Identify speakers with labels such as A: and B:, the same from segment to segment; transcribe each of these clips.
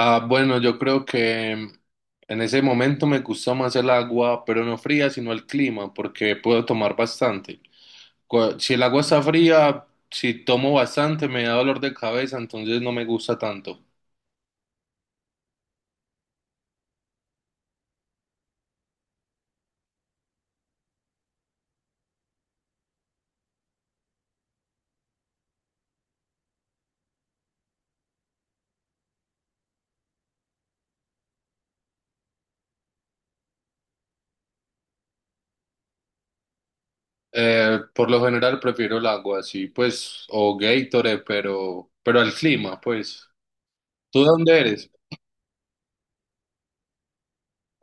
A: Ah, bueno, yo creo que en ese momento me gustó más el agua, pero no fría, sino el clima, porque puedo tomar bastante. Si el agua está fría, si tomo bastante, me da dolor de cabeza, entonces no me gusta tanto. Por lo general prefiero el agua, sí, pues, o Gatorade, pero el clima, pues. ¿Tú de dónde eres?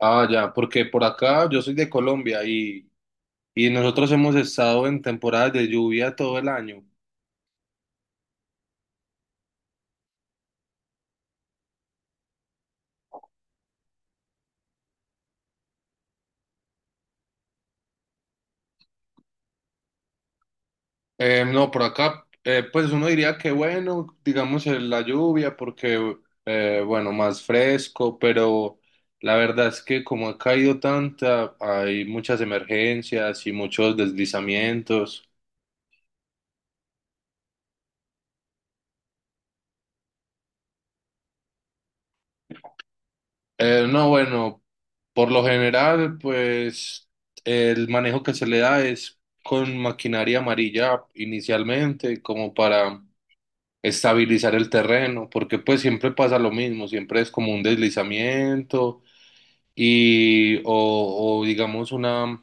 A: Ah, ya, porque por acá yo soy de Colombia y nosotros hemos estado en temporadas de lluvia todo el año. No, por acá, pues uno diría que bueno, digamos la lluvia, porque bueno, más fresco, pero la verdad es que como ha caído tanta, hay muchas emergencias y muchos deslizamientos. No, bueno, por lo general, pues el manejo que se le da es con maquinaria amarilla inicialmente, como para estabilizar el terreno, porque pues siempre pasa lo mismo, siempre es como un deslizamiento y o digamos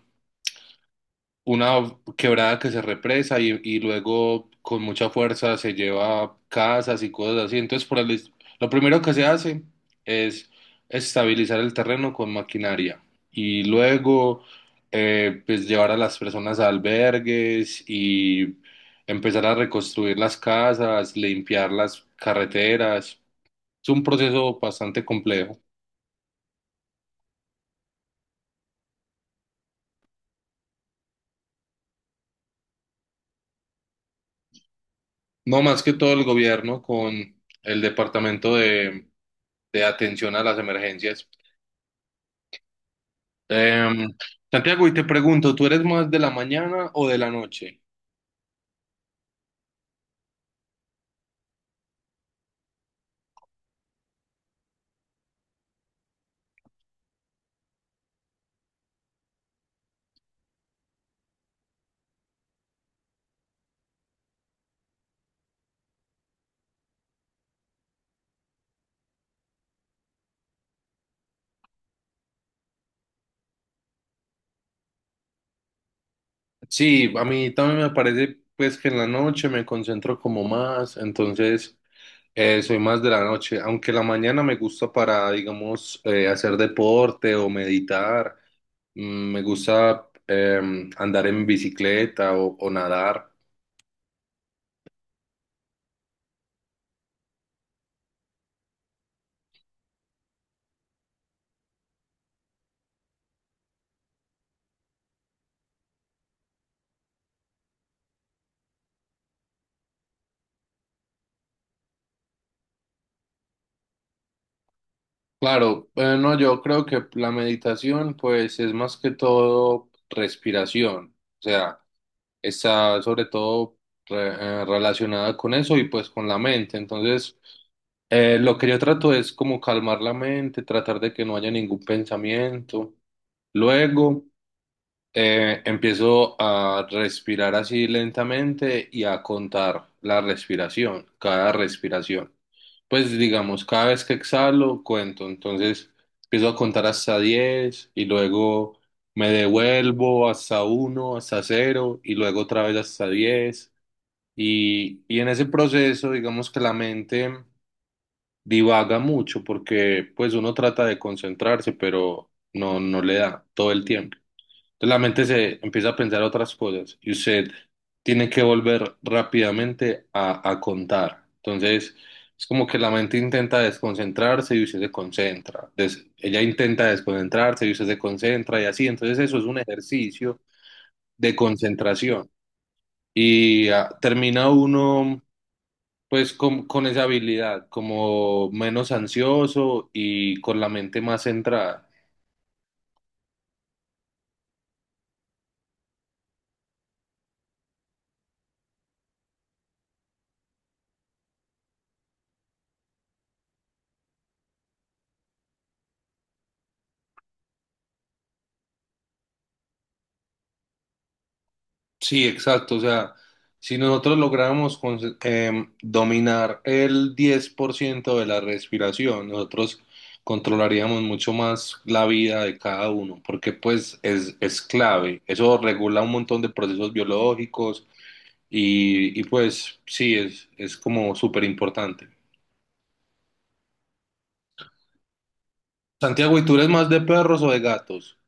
A: una quebrada que se represa y luego con mucha fuerza se lleva casas y cosas así. Entonces, lo primero que se hace es estabilizar el terreno con maquinaria y luego pues llevar a las personas a albergues y empezar a reconstruir las casas, limpiar las carreteras. Es un proceso bastante complejo. No, más que todo el gobierno con el Departamento de Atención a las Emergencias. Em, Santiago, y te pregunto, ¿tú eres más de la mañana o de la noche? Sí, a mí también me parece pues que en la noche me concentro como más, entonces soy más de la noche, aunque la mañana me gusta para, digamos, hacer deporte o meditar, me gusta andar en bicicleta o nadar. Claro, bueno, no, yo creo que la meditación pues es más que todo respiración, o sea, está sobre todo re- relacionada con eso y pues con la mente. Entonces, lo que yo trato es como calmar la mente, tratar de que no haya ningún pensamiento. Luego, empiezo a respirar así lentamente y a contar la respiración, cada respiración. Pues digamos, cada vez que exhalo, cuento. Entonces empiezo a contar hasta 10 y luego me devuelvo hasta uno, hasta cero y luego otra vez hasta 10. Y en ese proceso, digamos que la mente divaga mucho porque pues uno trata de concentrarse, pero no, no le da todo el tiempo. Entonces la mente se empieza a pensar otras cosas y usted tiene que volver rápidamente a contar. Entonces es como que la mente intenta desconcentrarse y usted se concentra. Ella intenta desconcentrarse y usted se concentra y así. Entonces eso es un ejercicio de concentración y ah, termina uno pues con esa habilidad como menos ansioso y con la mente más centrada. Sí, exacto. O sea, si nosotros lográramos dominar el 10% de la respiración, nosotros controlaríamos mucho más la vida de cada uno, porque pues es clave. Eso regula un montón de procesos biológicos y, pues sí, es como súper importante. Santiago, ¿y tú eres más de perros o de gatos?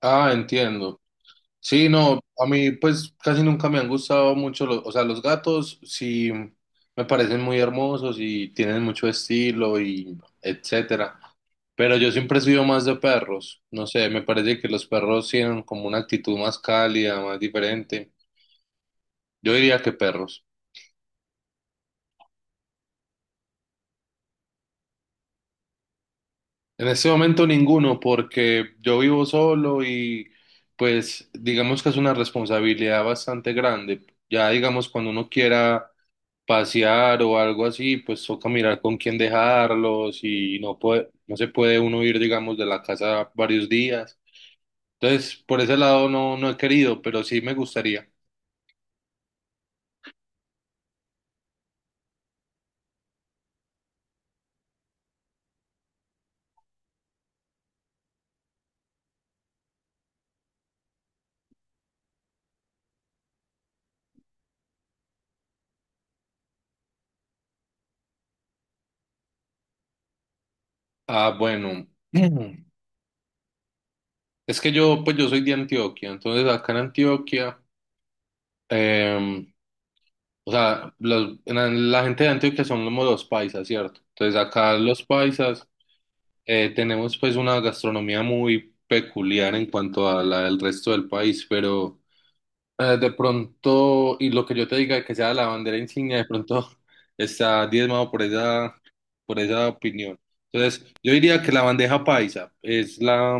A: Ah, entiendo. Sí, no, a mí pues casi nunca me han gustado mucho los, o sea, los gatos sí me parecen muy hermosos y tienen mucho estilo y etcétera, pero yo siempre he sido más de perros, no sé, me parece que los perros tienen como una actitud más cálida, más diferente, yo diría que perros. En este momento ninguno, porque yo vivo solo y pues digamos que es una responsabilidad bastante grande, ya digamos cuando uno quiera pasear o algo así, pues toca mirar con quién dejarlos y no puede, no se puede uno ir, digamos, de la casa varios días. Entonces, por ese lado no, no he querido, pero sí me gustaría. Ah, bueno, es que yo, pues yo soy de Antioquia, entonces acá en Antioquia, em, o sea, en la gente de Antioquia son como los paisas, ¿cierto? Entonces acá los paisas tenemos pues una gastronomía muy peculiar en cuanto a la del resto del país, pero. De pronto, y lo que yo te diga que sea la bandera insignia, de pronto está diezmado por esa opinión. Entonces, yo diría que la bandeja paisa es la,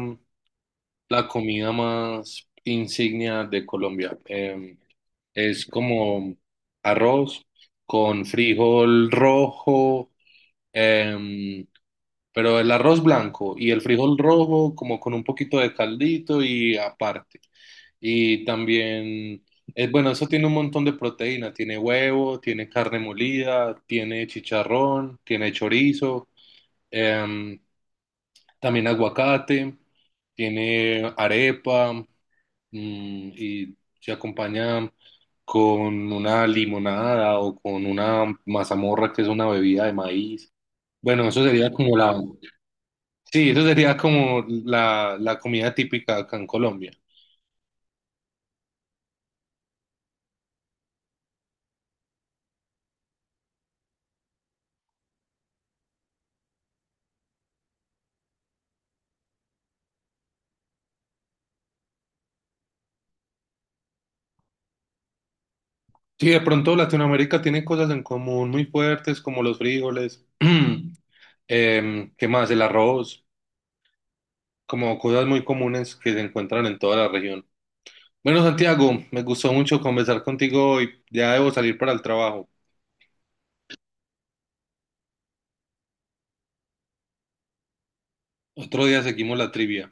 A: la comida más insignia de Colombia. Es como arroz con frijol rojo, eh, pero el arroz blanco y el frijol rojo como con un poquito de caldito y aparte. Y también, bueno, eso tiene un montón de proteína. Tiene huevo, tiene carne molida, tiene chicharrón, tiene chorizo, em, también aguacate, tiene arepa, y se acompaña con una limonada o con una mazamorra, que es una bebida de maíz. Bueno, eso sería como la, sí, eso sería como la comida típica acá en Colombia. Sí, de pronto Latinoamérica tiene cosas en común muy fuertes como los frijoles, ¿qué más? El arroz, como cosas muy comunes que se encuentran en toda la región. Bueno, Santiago, me gustó mucho conversar contigo hoy. Ya debo salir para el trabajo. Otro día seguimos la trivia.